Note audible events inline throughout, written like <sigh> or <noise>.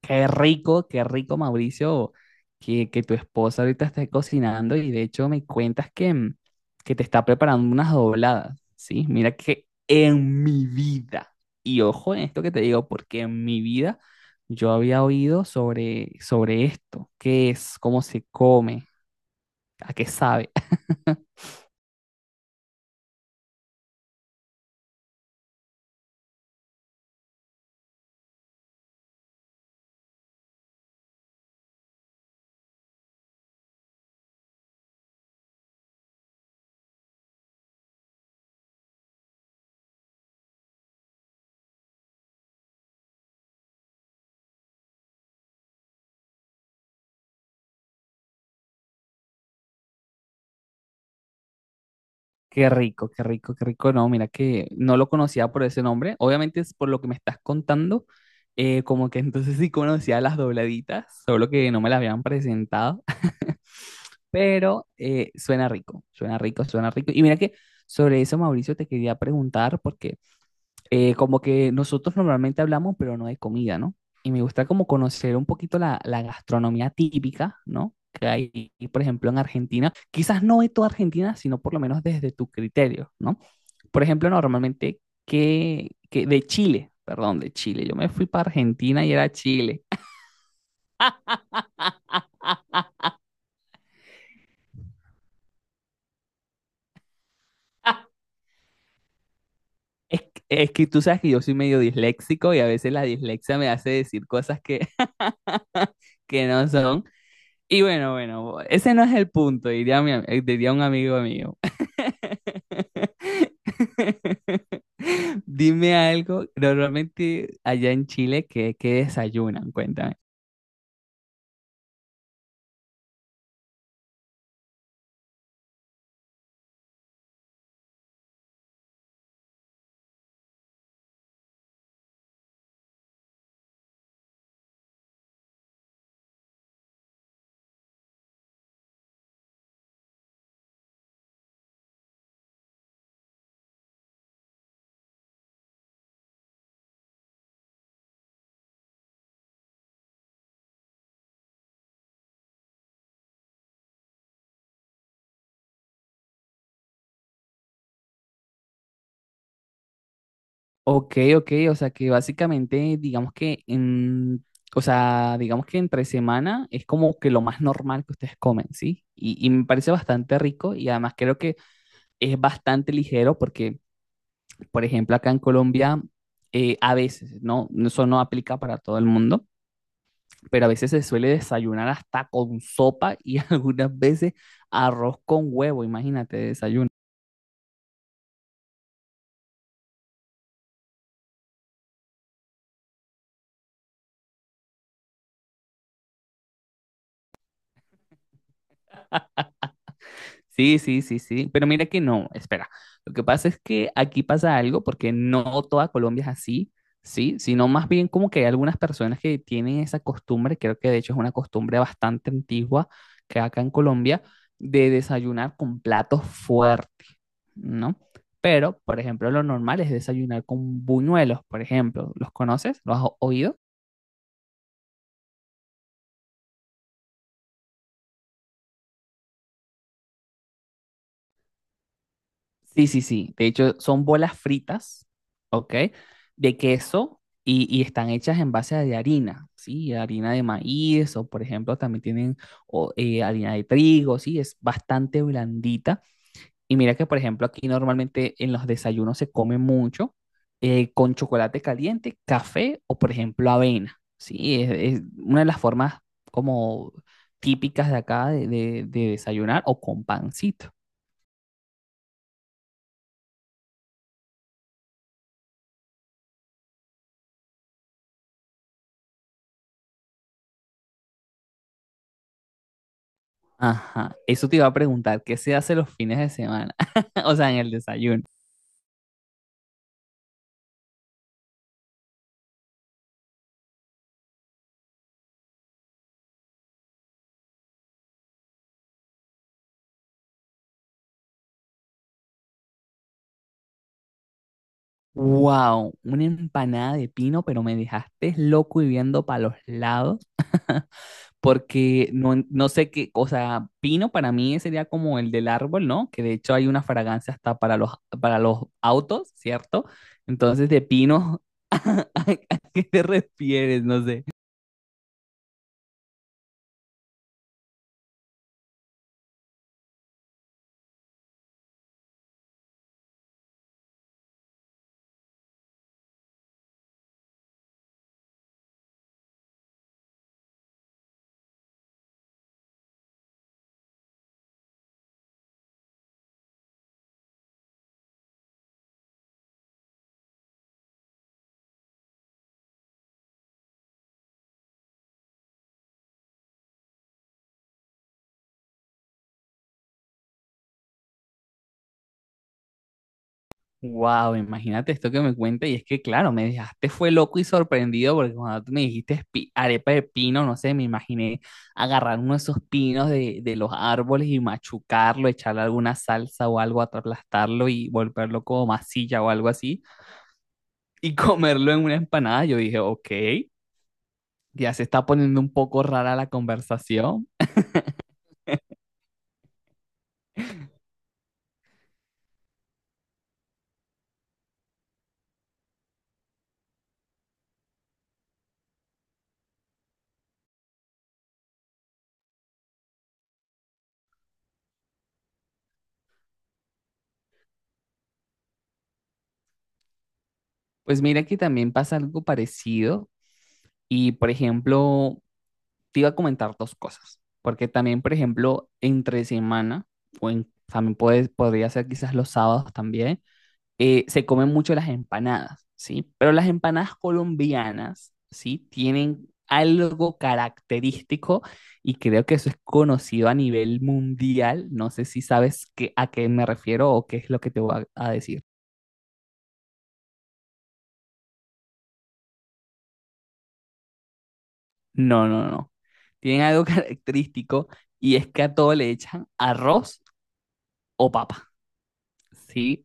Qué rico, Mauricio, que tu esposa ahorita esté cocinando y de hecho me cuentas que que te está preparando unas dobladas, ¿sí? Mira que en mi vida, y ojo en esto que te digo, porque en mi vida yo había oído sobre esto, qué es, cómo se come, a qué sabe. <laughs> Qué rico, qué rico, qué rico. No, mira que no lo conocía por ese nombre. Obviamente es por lo que me estás contando, como que entonces sí conocía las dobladitas, solo que no me las habían presentado, <laughs> pero suena rico, suena rico, suena rico. Y mira que sobre eso, Mauricio, te quería preguntar, porque como que nosotros normalmente hablamos, pero no de comida, ¿no? Y me gusta como conocer un poquito la gastronomía típica, ¿no? Que hay, por ejemplo, en Argentina, quizás no de toda Argentina, sino por lo menos desde tu criterio, ¿no? Por ejemplo, normalmente que de Chile, perdón, de Chile. Yo me fui para Argentina y era Chile. <laughs> Es que tú sabes que yo soy medio disléxico y a veces la dislexia me hace decir cosas que, <laughs> que no son. Y bueno, bueno, ese no es el punto, diría, diría un amigo mío. <laughs> Dime algo, normalmente allá en Chile, ¿qué desayunan? Cuéntame. Ok, ok, o sea que básicamente o sea, digamos que entre semana es como que lo más normal que ustedes comen, ¿sí? Y me parece bastante rico y además creo que es bastante ligero porque, por ejemplo, acá en Colombia a veces, ¿no? Eso no aplica para todo el mundo, pero a veces se suele desayunar hasta con sopa y <laughs> algunas veces arroz con huevo, imagínate, desayuno. Sí, sí, sí, sí, pero mira que no, espera. Lo que pasa es que aquí pasa algo porque no toda Colombia es así, ¿sí? Sino más bien como que hay algunas personas que tienen esa costumbre, creo que de hecho es una costumbre bastante antigua que acá en Colombia, de desayunar con platos fuertes, ¿no? Pero, por ejemplo, lo normal es desayunar con buñuelos, por ejemplo. ¿Los conoces? ¿Los has oído? Sí, sí, sí. De hecho, son bolas fritas, ¿ok? De queso y están hechas en base de harina, ¿sí? Harina de maíz o, por ejemplo, también tienen o, harina de trigo, ¿sí? Es bastante blandita. Y mira que, por ejemplo, aquí normalmente en los desayunos se come mucho con chocolate caliente, café o, por ejemplo, avena. Sí, es una de las formas como típicas de acá de desayunar o con pancito. Ajá, eso te iba a preguntar, ¿qué se hace los fines de semana? <laughs> O sea, en el desayuno. Wow, una empanada de pino, pero me dejaste loco y viendo para los lados, <laughs> porque no sé qué, o sea, pino para mí sería como el del árbol, ¿no? Que de hecho hay una fragancia hasta para para los autos, ¿cierto? Entonces, de pino, <laughs> ¿a qué te refieres? No sé. Wow, imagínate esto que me cuenta y es que claro, me dejaste fue loco y sorprendido porque cuando tú me dijiste arepa de pino, no sé, me imaginé agarrar uno de esos pinos de los árboles y machucarlo, echarle alguna salsa o algo, aplastarlo y volverlo como masilla o algo así y <laughs> comerlo en una empanada. Yo dije, ok, ya se está poniendo un poco rara la conversación. Pues mira que también pasa algo parecido y por ejemplo, te iba a comentar dos cosas, porque también, por ejemplo, entre semana, también puede, podría ser quizás los sábados también, se comen mucho las empanadas, ¿sí? Pero las empanadas colombianas, ¿sí? Tienen algo característico y creo que eso es conocido a nivel mundial. No sé si sabes a qué me refiero o qué es lo que te voy a decir. No, no, no. Tienen algo <laughs> característico y es que a todo le echan arroz o papa, ¿sí?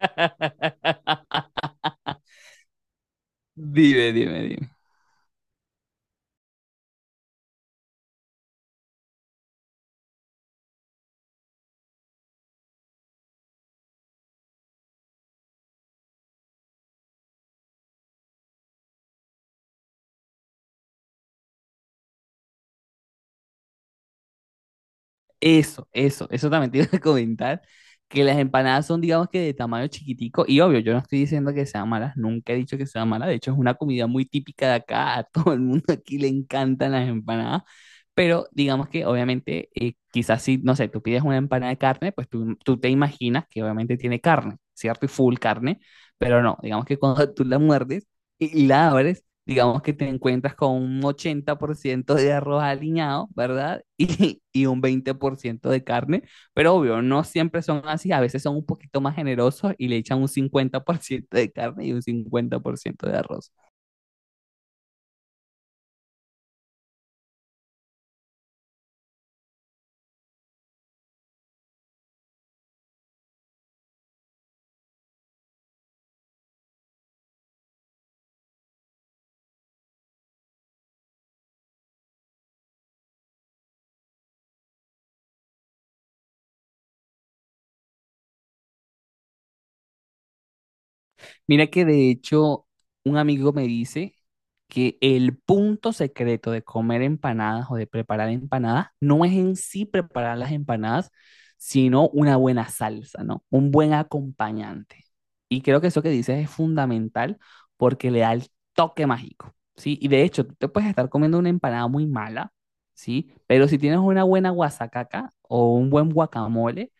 <laughs> Dime, dime, dime. Eso también te iba a comentar, que las empanadas son, digamos que de tamaño chiquitico, y obvio, yo no estoy diciendo que sean malas, nunca he dicho que sean malas, de hecho es una comida muy típica de acá, a <laughs> todo el mundo aquí le encantan las empanadas, pero digamos que obviamente, quizás si, no sé, tú pides una empanada de carne, pues tú te imaginas que obviamente tiene carne, ¿cierto? Y full carne, pero no, digamos que cuando <laughs> tú la muerdes y la abres, digamos que te encuentras con un 80% de arroz aliñado, ¿verdad? <laughs> Y un 20% de carne, pero obvio, no siempre son así, a veces son un poquito más generosos y le echan un 50% de carne y un 50% de arroz. Mira que de hecho un amigo me dice que el punto secreto de comer empanadas o de preparar empanadas no es en sí preparar las empanadas, sino una buena salsa, ¿no? Un buen acompañante. Y creo que eso que dices es fundamental porque le da el toque mágico, ¿sí? Y de hecho, tú te puedes estar comiendo una empanada muy mala, ¿sí? Pero si tienes una buena guasacaca o un buen guacamole,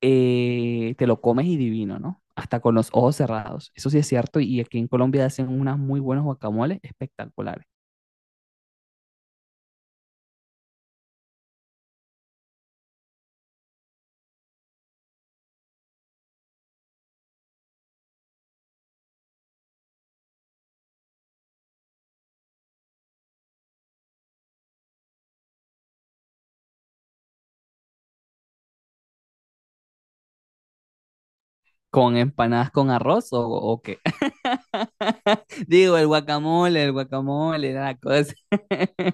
te lo comes y divino, ¿no? Hasta con los ojos cerrados. Eso sí es cierto. Y aquí en Colombia hacen unas muy buenos guacamoles espectaculares. ¿Con empanadas con arroz o qué? <laughs> Digo, el guacamole, era la cosa. <laughs>